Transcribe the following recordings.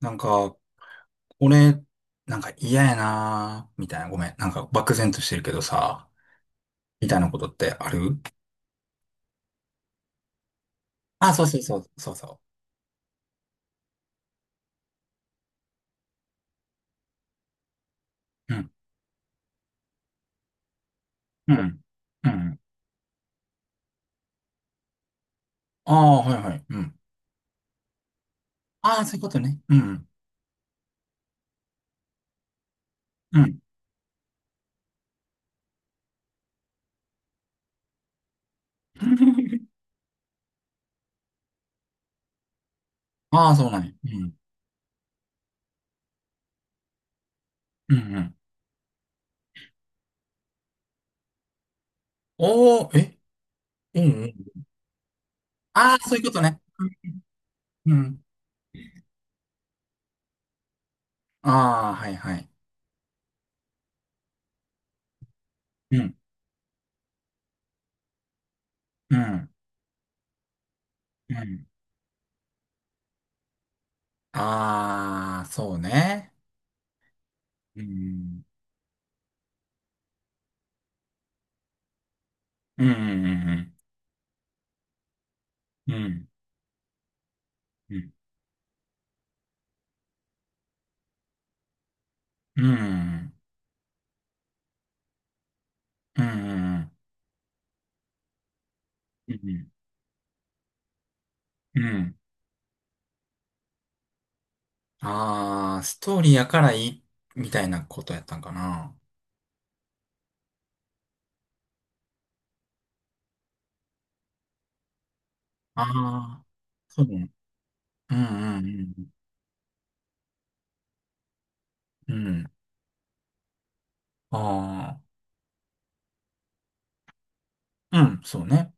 なんか、俺、なんか嫌やなーみたいな、ごめん。なんか漠然としてるけどさ、みたいなことってある。あ、そうそうそう、そうそう。うん、うん、うん。ああ、はいはい、うん。ああ、そういうことね。うん、うん。ああ、そうなんや。うん、うん、うん。おー、え、うん、うん。ああ、そういうことね。うん。ああ、はいはい。うん、うん、うん。ああ、そうね。うん、うん、うん、うん、うん、うん。うんうん、うん、うん。うんうん。ああ、ストーリーやからいい、みたいなことやったんかな。ああ、そうね。うん、うん、うん。うん。ああ、うん、そうね。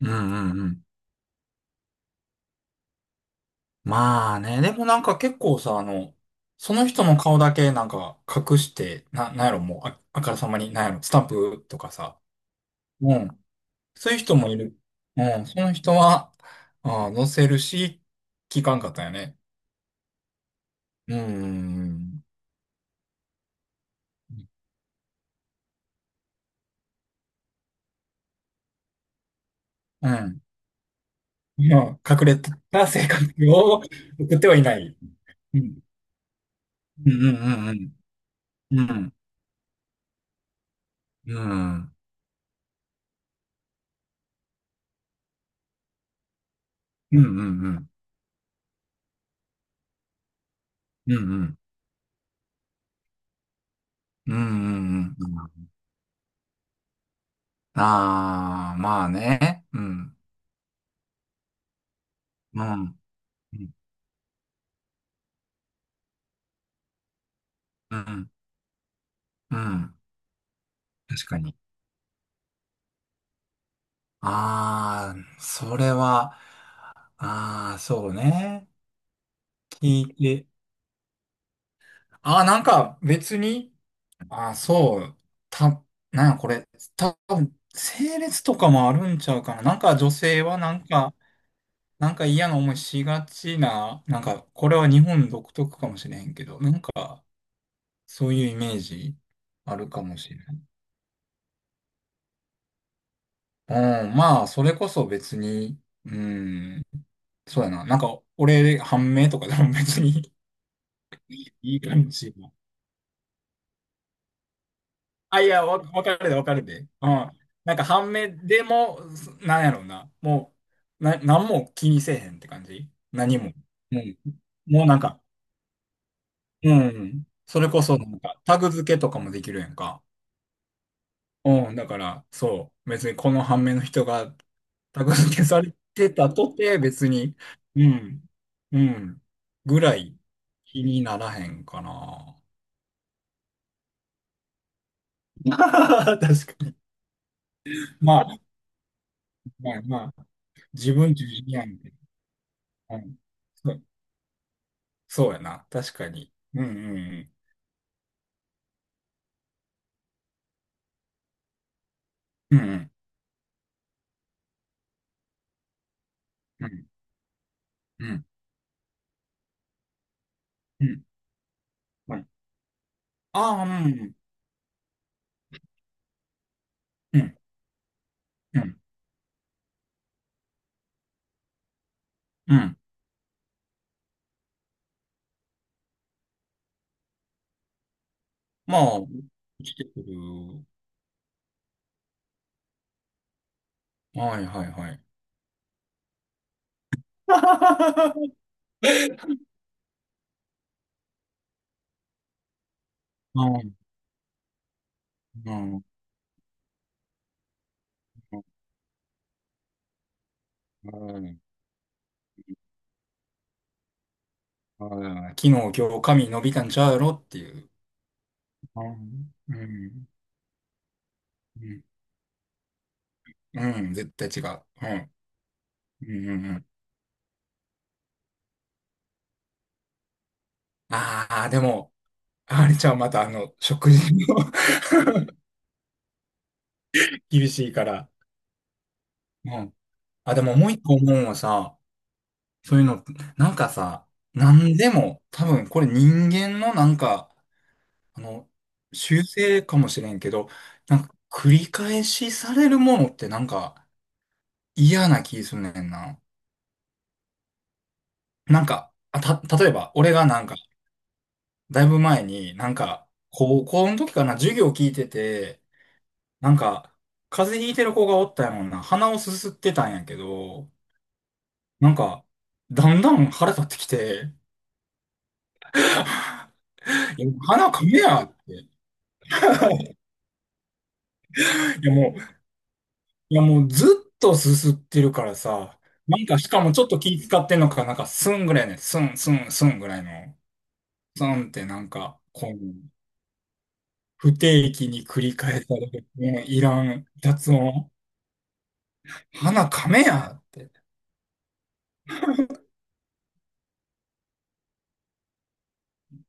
うん、うん、うん。まあね、でもなんか結構さ、その人の顔だけなんか隠して、なんやろ、もう、あからさまに、なんやろ、スタンプとかさ。うん。そういう人もいる。うん、その人は、ああ、載せるし、聞かんかったよね。うん、うん、うん。うん、まあ、隠れた性格を送ってはいない。うん。うんうんうんうん。うん。うんうんうん。うんうん。うんうんうんうん。ああ、まあね。うん。うん。うん。うん。うん、確かに。ああ、それは、ああ、そうね。聞いて。ああ、なんか別に、あ、そう。た、なんやこれ、多分、整列とかもあるんちゃうかな。なんか女性はなんか、なんか嫌な思いしがちな、なんか、これは日本独特かもしれへんけど、なんか、そういうイメージあるかもしれない。うん、まあ、それこそ別に、うん、そうやな。なんか、俺、判明とかでも別にいい感じ。あ、いや、わかるで、わかるで。うん。なんか半目でも、す、なんやろうな。もう、なんも気にせえへんって感じ何も。うん。もうなんか、うん。それこそ、なんか、タグ付けとかもできるやんか。うん。だから、そう。別にこの半目の人がタグ付けされてたとて、別に、うん。うん、ぐらい気にならへんかな。確かに。まあ、まあ、自分自身やん。うん。そ、そうやな。確かに。うんうんうん。うんうんうんうん。うん。ああ、うん。うんうん。うん。まあ、来てくる。はいはいはい。うん。うん。うん。うん、昨日、今日、髪伸びたんちゃうやろっていう。うん。うん。うん。うん、絶対違う。うん。うんうんうん。ああ、でも、あれちゃう、またあの、食事も 厳しいから。うん、あ、でももう一個思うのはさ、そういうの、なんかさ、なんでも、多分これ人間のなんか、あの、習性かもしれんけど、なんか繰り返しされるものってなんか嫌な気すんねんな。なんか、例えば俺がなんか、だいぶ前になんか、高校の時かな、授業聞いてて、なんか、風邪ひいてる子がおったやもんな、鼻をすすってたんやけど、なんか、だんだん腹立ってきて、いや鼻噛めやって。いやもう、いやもうずっとすすってるからさ、なんかしかもちょっと気使ってんのか、なんかスンぐらいね、スンスンスンぐらいの、スンってなんか、こう不定期に繰り返される、もういらん雑音。鼻かめやって。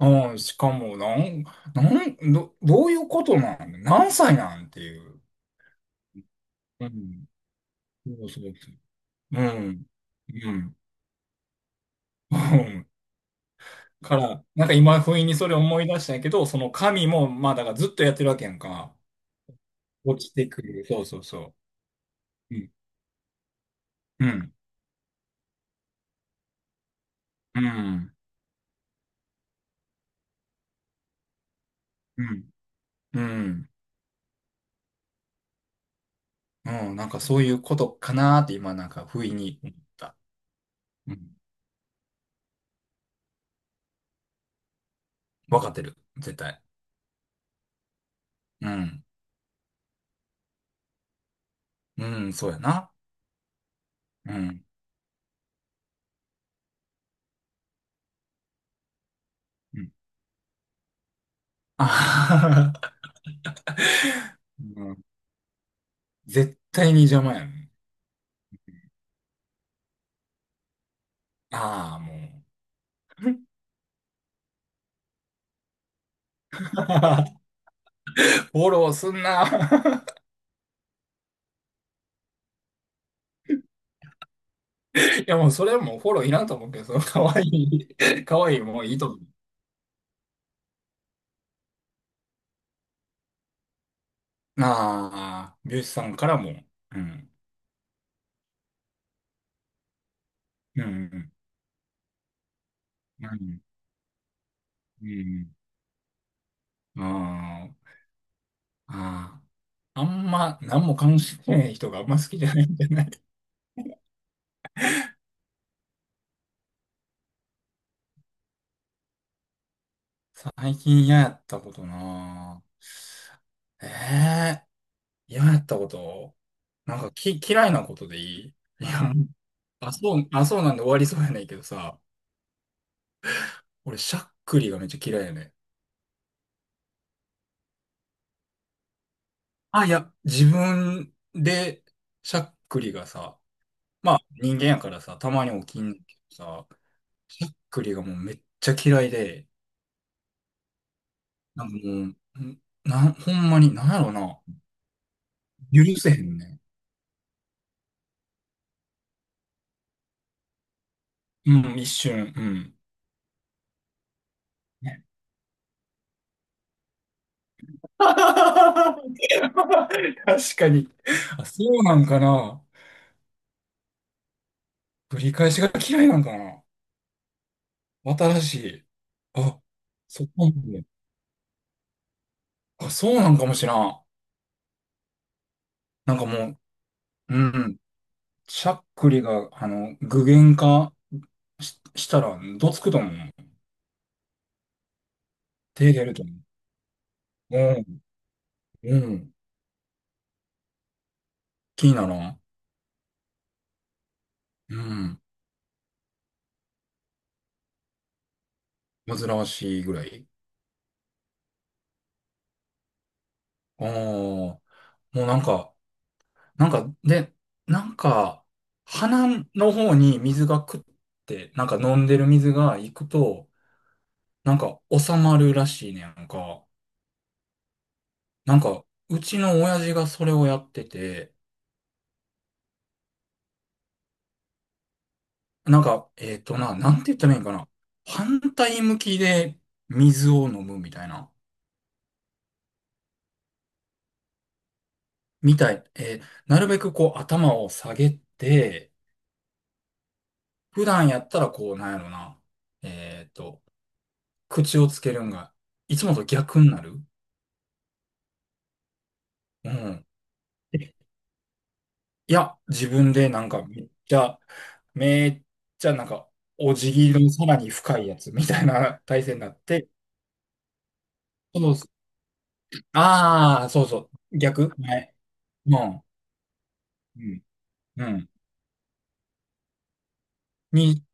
うん、しかも、なん、なん、ど、どういうことなん、何歳なんっていう。うん。そうそうそう。うん。うん。うん。から、なんか今、不意にそれ思い出したんやけど、その神も、まあ、だからずっとやってるわけやんか。落ちてくる。そうそうそう。うん。うん。うん。うん。うん。うん、なんかそういうことかなーって今、なんか不意に思った。うん。わかってる。絶対。うん。うん、そうやな。うん。うん。あはは、うん、 絶対に邪魔やん。ああ、もう。フォローすんな。いやもうそれはもうフォローいらんと思うけど、その可愛い、可愛いもういいと思う。ああ、美容師さんからも。うん。うん。うん。うん。うん、あー、あー、あんま何も関心ない人があんま好きじゃないんじゃない？最近嫌やったことなぁ。え嫌やったこと。なんかき、嫌いなことでいい。いや、あ、そうなんで終わりそうやねんけどさ、俺、しゃっくりがめっちゃ嫌いやねん。あ、いや、自分で、しゃっくりがさ、まあ人間やからさ、たまに起きんけどさ、しゃっくりがもうめっちゃ嫌いで、なんかもう、んなん、ほんまに、なんやろな、許せへんねん。うん、一瞬、うん。ね、 確かに。あ、そうなんかな。繰り返しが嫌いなんかな。新しい。あ、そこまで。あ、そうなんかもしらん。なんかもう、うん。しゃっくりが、あの、具現化し、したら、どつくと思う。手出ると思う。うん、うん。気にならん。うん。煩わしいぐらい。ああ、もうなんか、なんか、で、なんか、鼻の方に水がくって、なんか飲んでる水が行くと、なんか収まるらしいね、なんか。なんか、うちの親父がそれをやってて、なんか、えっとな、なんて言ったらいいんかな。反対向きで水を飲むみたいな。みたい。えー、なるべくこう頭を下げて、普段やったらこう、なんやろな。えっと、口をつけるんが、いつもと逆になる。うん。えいや、自分でなんかめっちゃ、めっちゃなんか、お辞儀のさらに深いやつみたいな体勢になって、そうそう。ああ、そうそう。逆。は、うん。うん。うん。に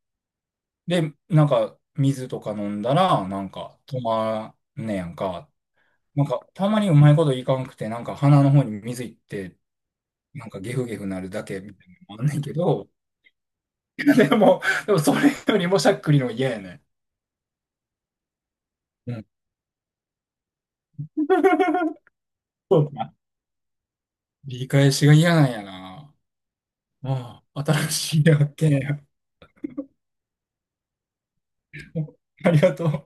で、なんか、水とか飲んだら、なんか、止まんねやんか。なんか、たまにうまいこといかんくて、なんか、鼻の方に水いって、なんか、ゲフゲフなるだけみたいなのもあんねんけど、でも、でも、それよりもしゃっくりの嫌やねん。うん。そうか。理解しが嫌なんやな。ああ、新しい発見や。ありがとう。